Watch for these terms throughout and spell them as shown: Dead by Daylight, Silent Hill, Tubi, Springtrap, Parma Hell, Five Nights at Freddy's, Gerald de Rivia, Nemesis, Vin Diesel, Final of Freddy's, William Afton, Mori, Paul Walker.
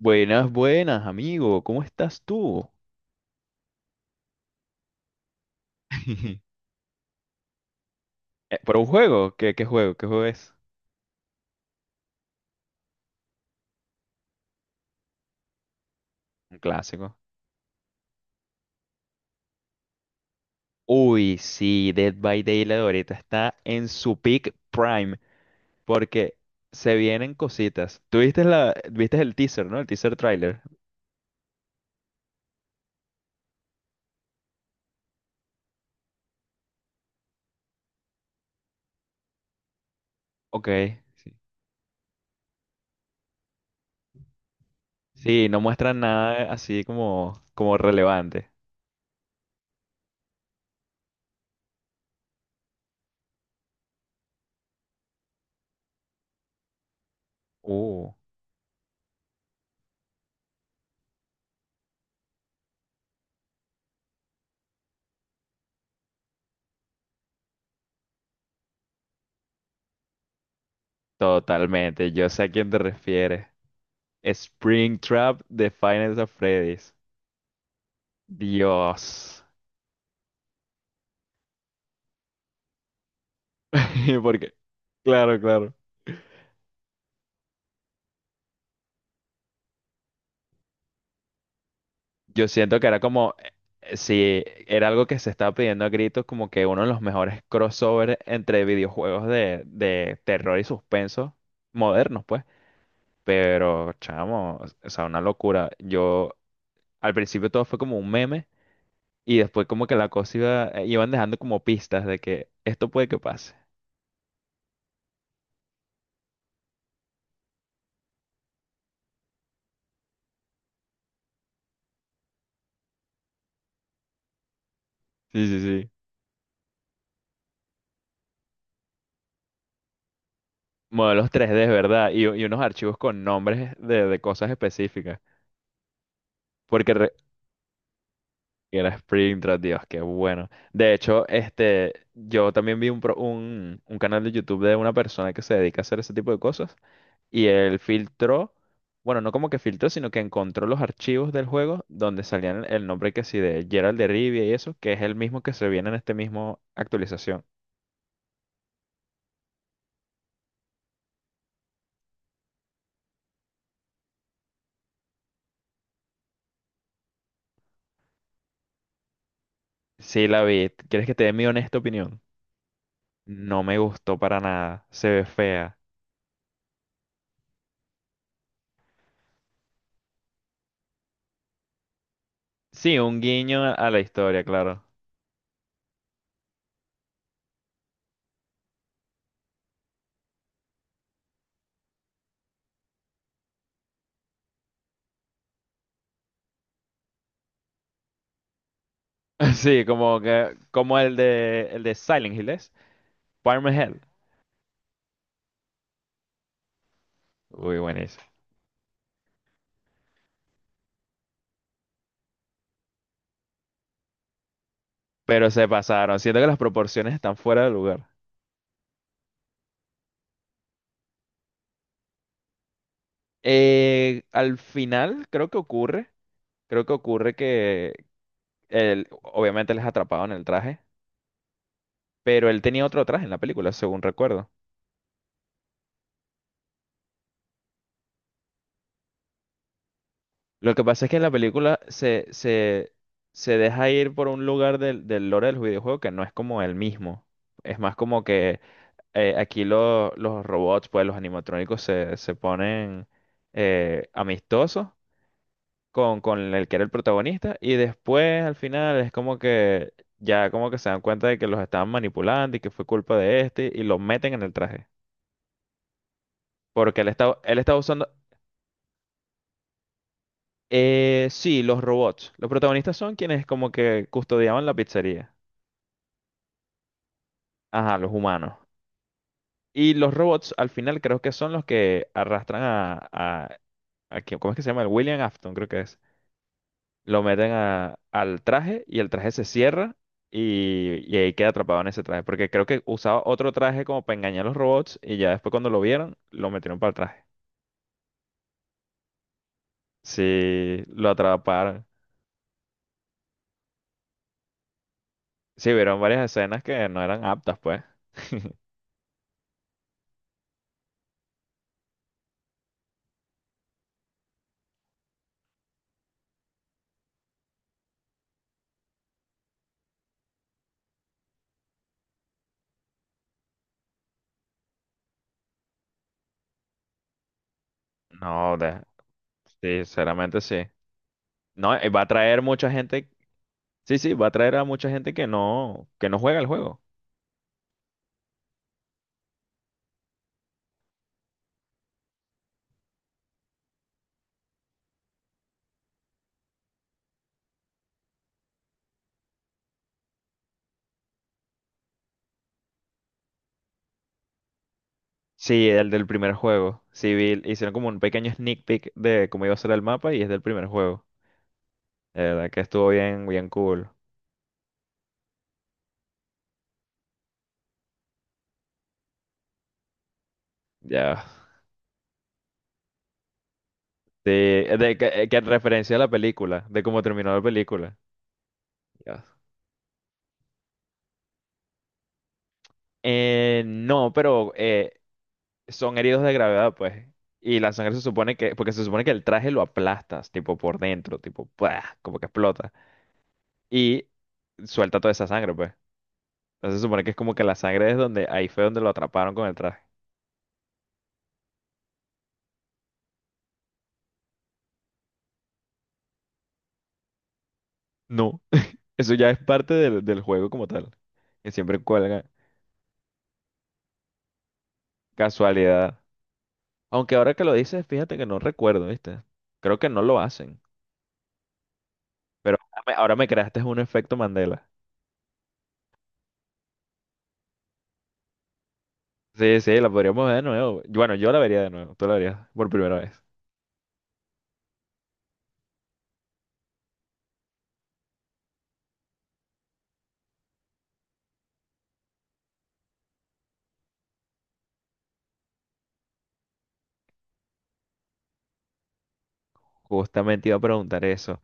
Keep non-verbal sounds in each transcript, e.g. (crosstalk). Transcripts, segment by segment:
Buenas, buenas, amigo. ¿Cómo estás tú? (laughs) ¿Por un juego? ¿¿Qué juego? ¿Qué juego es? Un clásico. Uy, sí, Dead by Daylight ahorita está en su peak prime porque se vienen cositas. ¿Tú viste viste el teaser, ¿no? El teaser trailer. Ok. Sí, sí, no muestran nada así como relevante. Uh, Totalmente. Yo sé a quién te refieres. Springtrap de Final of Freddy's. Dios. (laughs) Porque, claro, claro. Yo siento que era como, si era algo que se estaba pidiendo a gritos, como que uno de los mejores crossovers entre videojuegos de terror y suspenso modernos, pues. Pero, chamo, o sea, una locura. Yo, al principio todo fue como un meme y después como que la cosa iba, iban dejando como pistas de que esto puede que pase. Sí, sí, sí. Modelos 3D, ¿verdad? Y unos archivos con nombres de cosas específicas. Porque re- Era Spring Tras Dios, qué bueno. De hecho, este, yo también vi un canal de YouTube de una persona que se dedica a hacer ese tipo de cosas y él filtró, bueno, no como que filtró, sino que encontró los archivos del juego donde salían el nombre que sí de Gerald de Rivia y eso, que es el mismo que se viene en este mismo actualización. Sí, la vi. ¿Quieres que te dé mi honesta opinión? No me gustó para nada. Se ve fea. Sí, un guiño a la historia, claro. (laughs) Sí, como que, como el de Silent Hill, ¿es? Parma Hell. Uy, buenísimo. Pero se pasaron. Siento que las proporciones están fuera de lugar. Al final, creo que ocurre. Creo que ocurre que él, obviamente, les atrapado en el traje. Pero él tenía otro traje en la película, según recuerdo. Lo que pasa es que en la película se deja ir por un lugar del lore del videojuego que no es como el mismo. Es más como que aquí lo- los robots, pues los animatrónicos se ponen amistosos con el que era el protagonista y después al final es como que ya como que se dan cuenta de que los estaban manipulando y que fue culpa de este y los meten en el traje. Porque él estaba usando, sí, los robots. Los protagonistas son quienes como que custodiaban la pizzería. Ajá, los humanos. Y los robots al final creo que son los que arrastran a ¿cómo es que se llama? El William Afton creo que es. Lo meten a- al traje y el traje se cierra y ahí queda atrapado en ese traje. Porque creo que usaba otro traje como para engañar a los robots y ya después cuando lo vieron, lo metieron para el traje. Sí, lo atraparon. Sí, vieron varias escenas que no eran aptas, pues. (laughs) No, de- sí, sinceramente sí. No, va a traer mucha gente. Sí, sí, va a traer a mucha gente que no juega el juego. Sí, el del primer juego. Sí, vi- hicieron como un pequeño sneak peek de cómo iba a ser el mapa y es del primer juego. La verdad que estuvo bien, bien cool. Ya. Sí, que en referencia a la película, de cómo terminó la película. Ya. No, pero son heridos de gravedad, pues. Y la sangre se supone que, porque se supone que el traje lo aplastas, tipo por dentro, tipo, ¡pua! Como que explota. Y suelta toda esa sangre, pues. Entonces se supone que es como que la sangre es donde, ahí fue donde lo atraparon con el traje. No, (laughs) eso ya es parte del juego como tal. Que siempre cuelga. Casualidad. Aunque ahora que lo dices, fíjate que no recuerdo, ¿viste? Creo que no lo hacen. Pero ahora me creaste un efecto Mandela. Sí, sí, la podríamos ver de nuevo. Yo- Bueno, yo la vería de nuevo. Tú la verías por primera vez. Justamente iba a preguntar eso.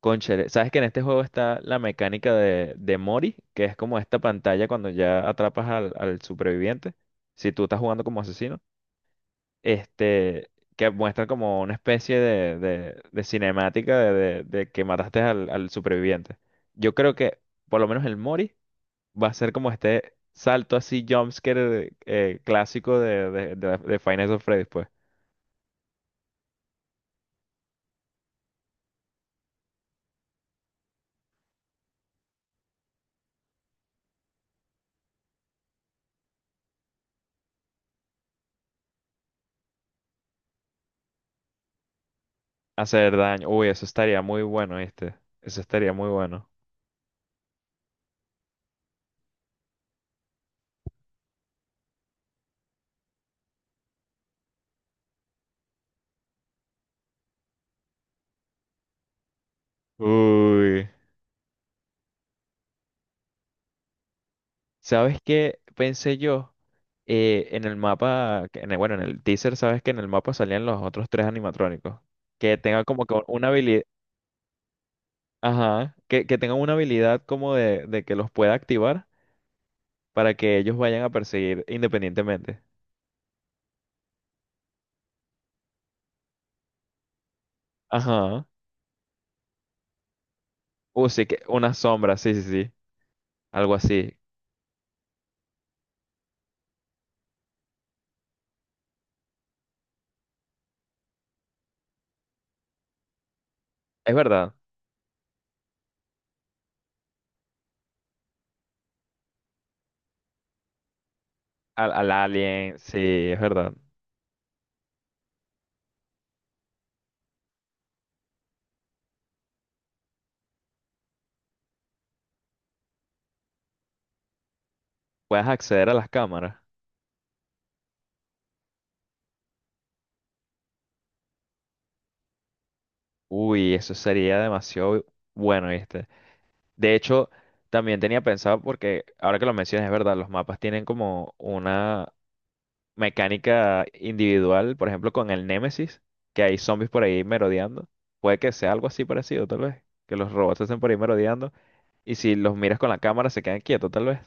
Cónchale, ¿sabes que en este juego está la mecánica de Mori? Que es como esta pantalla cuando ya atrapas al superviviente. Si tú estás jugando como asesino. este, que muestran como una especie de cinemática de que mataste al superviviente. Yo creo que por lo menos el Mori va a ser como este salto así jumpscare clásico de Five Nights at Freddy's, pues. Hacer daño. Uy, eso estaría muy bueno, este. Eso estaría muy bueno. Uy. ¿Sabes qué pensé yo? En el mapa, que en el- bueno, en el teaser, sabes que en el mapa salían los otros tres animatrónicos. Que tenga como que una habilidad. Ajá, que tengan una habilidad como de que los pueda activar para que ellos vayan a perseguir independientemente. Ajá. Sí, que una sombra, sí, sí, sí. Algo así. Es verdad. Al alien, sí, es verdad. Puedes acceder a las cámaras. Uy, eso sería demasiado bueno, ¿viste? De hecho, también tenía pensado porque ahora que lo mencionas, es verdad, los mapas tienen como una mecánica individual, por ejemplo, con el Némesis, que hay zombies por ahí merodeando. Puede que sea algo así parecido, tal vez. Que los robots estén por ahí merodeando. Y si los miras con la cámara, se quedan quietos, tal vez.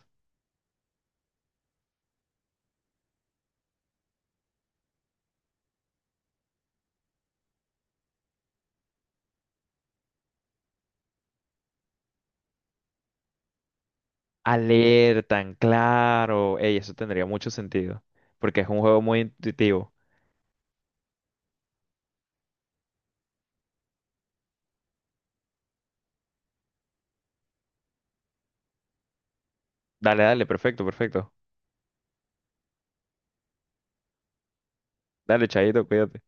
Alertan, claro. Ey, eso tendría mucho sentido. Porque es un juego muy intuitivo. Dale, dale, perfecto, perfecto. Dale, Chaito, cuídate.